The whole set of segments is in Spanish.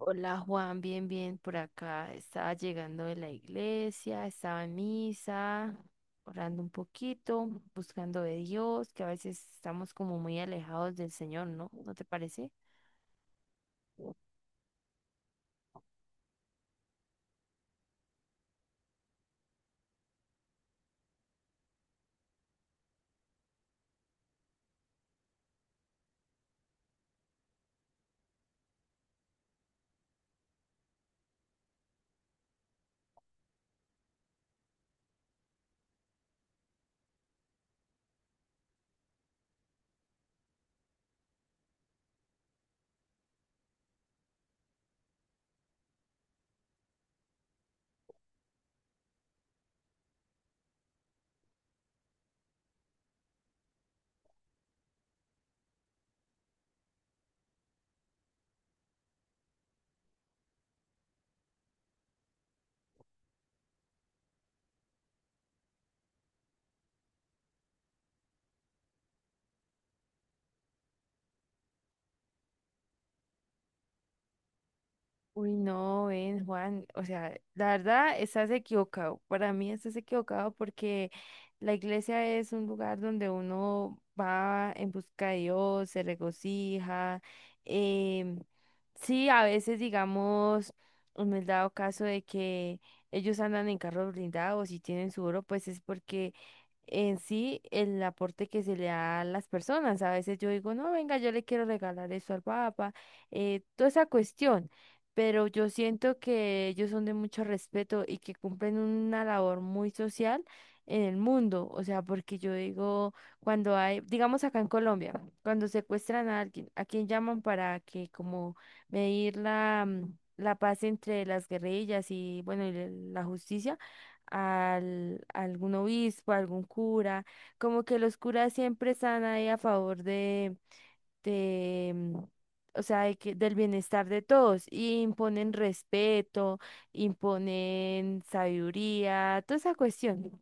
Hola Juan, bien, bien, por acá. Estaba llegando de la iglesia, estaba en misa, orando un poquito, buscando de Dios, que a veces estamos como muy alejados del Señor, ¿no? ¿No te parece? Uy, no, ven, Juan, o sea, la verdad estás equivocado. Para mí estás equivocado porque la iglesia es un lugar donde uno va en busca de Dios, se regocija. em, sí, a veces, digamos, me he dado caso de que ellos andan en carros blindados y tienen su oro, pues es porque en sí el aporte que se le da a las personas. A veces yo digo, no, venga, yo le quiero regalar eso al Papa, toda esa cuestión, pero yo siento que ellos son de mucho respeto y que cumplen una labor muy social en el mundo. O sea, porque yo digo, cuando hay, digamos acá en Colombia, cuando secuestran a alguien, ¿a quién llaman para que como medir la, la paz entre las guerrillas y bueno, y la justicia? Al, a algún obispo, a algún cura, como que los curas siempre están ahí a favor de, o sea, de que, del bienestar de todos, y imponen respeto, imponen sabiduría, toda esa cuestión.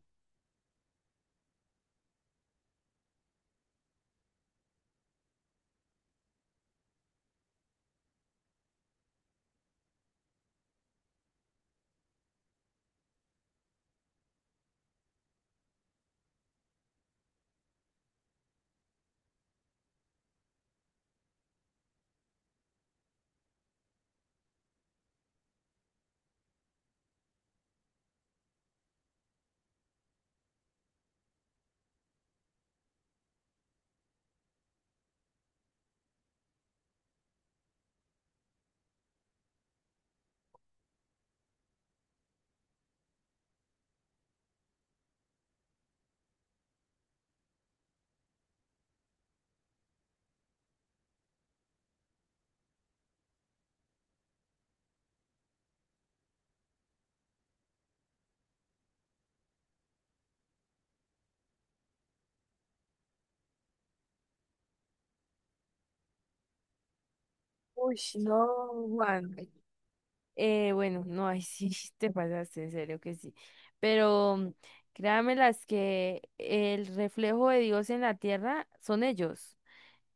Uy, no, Juan. Bueno, no, ahí sí te pasaste, en serio que sí. Pero créanme las que el reflejo de Dios en la tierra son ellos.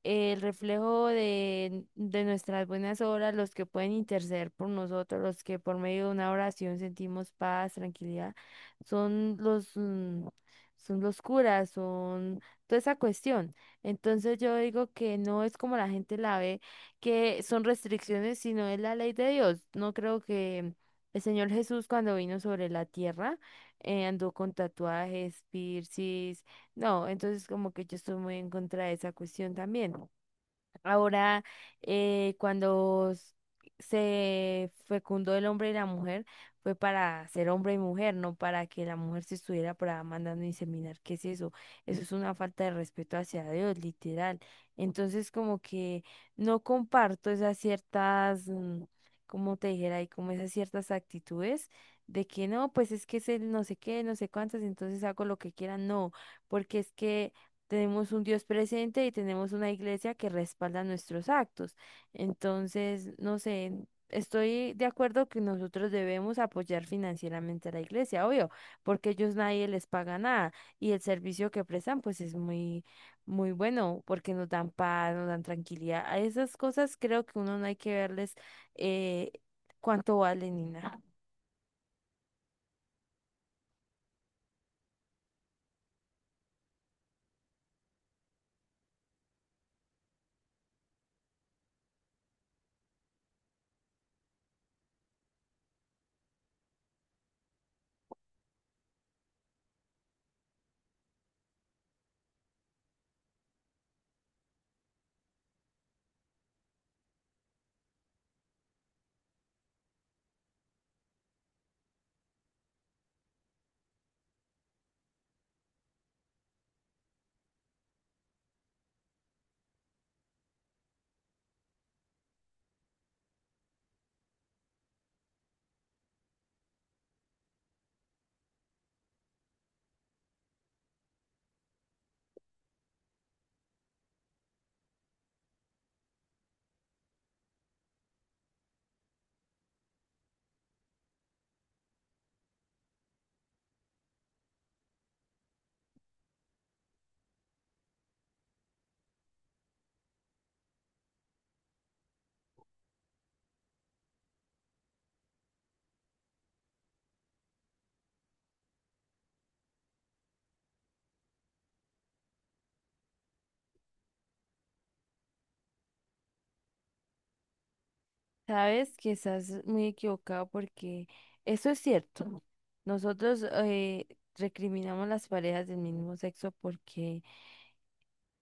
El reflejo de nuestras buenas obras, los que pueden interceder por nosotros, los que por medio de una oración sentimos paz, tranquilidad, son los curas, son toda esa cuestión. Entonces yo digo que no es como la gente la ve, que son restricciones, sino es la ley de Dios. No creo que el Señor Jesús cuando vino sobre la tierra andó con tatuajes, piercings, no, entonces como que yo estoy muy en contra de esa cuestión también. Ahora, cuando se fecundó el hombre y la mujer, fue para ser hombre y mujer, no para que la mujer se estuviera por ahí mandando a inseminar. ¿Qué es eso? Eso es una falta de respeto hacia Dios, literal. Entonces, como que no comparto esas ciertas, como te dijera, y como esas ciertas actitudes de que no, pues es que es el no sé qué, no sé cuántas, entonces hago lo que quieran. No, porque es que tenemos un Dios presente y tenemos una iglesia que respalda nuestros actos. Entonces, no sé, estoy de acuerdo que nosotros debemos apoyar financieramente a la iglesia, obvio, porque ellos nadie les paga nada y el servicio que prestan pues es muy, muy bueno porque nos dan paz, nos dan tranquilidad. A esas cosas creo que uno no hay que verles eh, cuánto valen ni nada. Sabes que estás muy equivocado porque eso es cierto. Nosotros recriminamos las parejas del mismo sexo porque,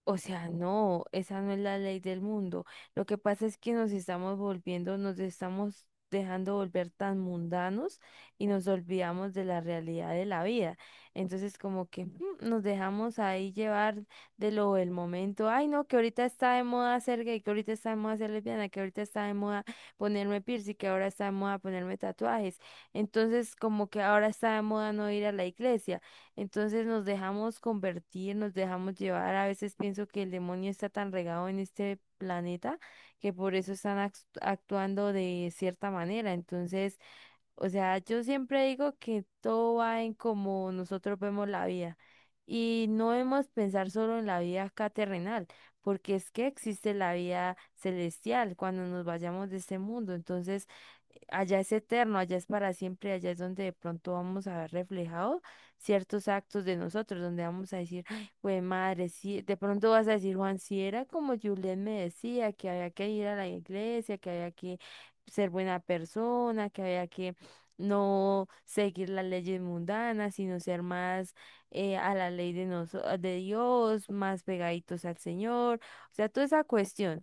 o sea, no, esa no es la ley del mundo. Lo que pasa es que nos estamos volviendo, nos estamos dejando volver tan mundanos y nos olvidamos de la realidad de la vida. Entonces, como que nos dejamos ahí llevar de lo del momento. Ay, no, que ahorita está de moda ser gay, que ahorita está de moda ser lesbiana, que ahorita está de moda ponerme piercing, que ahora está de moda ponerme tatuajes. Entonces, como que ahora está de moda no ir a la iglesia. Entonces nos dejamos convertir, nos dejamos llevar. A veces pienso que el demonio está tan regado en este planeta que por eso están actuando de cierta manera. Entonces, o sea, yo siempre digo que todo va en cómo nosotros vemos la vida y no debemos pensar solo en la vida acá terrenal, porque es que existe la vida celestial cuando nos vayamos de este mundo. Entonces, allá es eterno, allá es para siempre, allá es donde de pronto vamos a ver reflejados ciertos actos de nosotros, donde vamos a decir, güey, madre, sí, de pronto vas a decir, Juan, si era como Juliet me decía, que había que ir a la iglesia, que había que ser buena persona, que había que no seguir las leyes mundanas, sino ser más a la ley de, de Dios, más pegaditos al Señor, o sea, toda esa cuestión.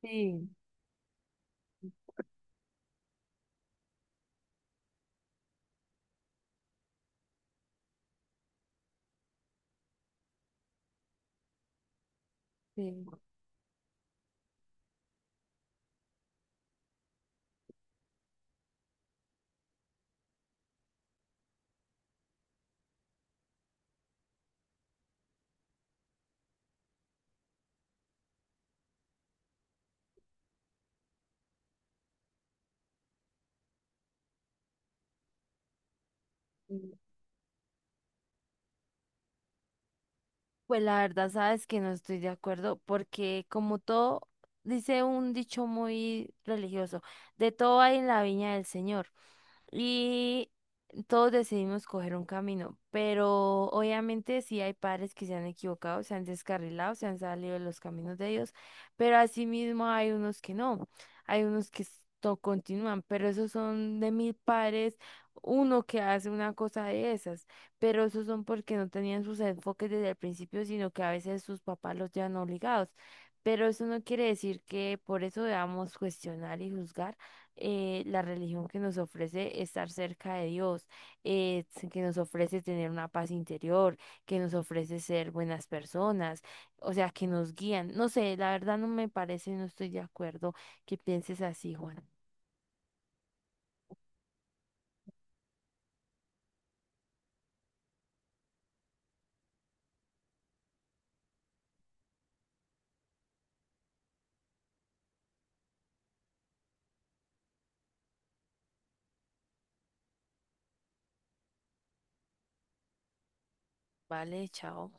Sí, sí. Pues la verdad, sabes que no estoy de acuerdo porque como todo, dice un dicho muy religioso, de todo hay en la viña del Señor y todos decidimos coger un camino, pero obviamente sí hay padres que se han equivocado, se han descarrilado, se han salido de los caminos de ellos, pero asimismo hay unos que no, hay unos que continúan, pero esos son de mil padres, uno que hace una cosa de esas, pero esos son porque no tenían sus enfoques desde el principio, sino que a veces sus papás los llevan obligados. Pero eso no quiere decir que por eso debamos cuestionar y juzgar la religión que nos ofrece estar cerca de Dios, eh, que nos ofrece tener una paz interior, que nos ofrece ser buenas personas, o sea, que nos guían. No sé, la verdad no me parece, no estoy de acuerdo que pienses así, Juan. Vale, chao.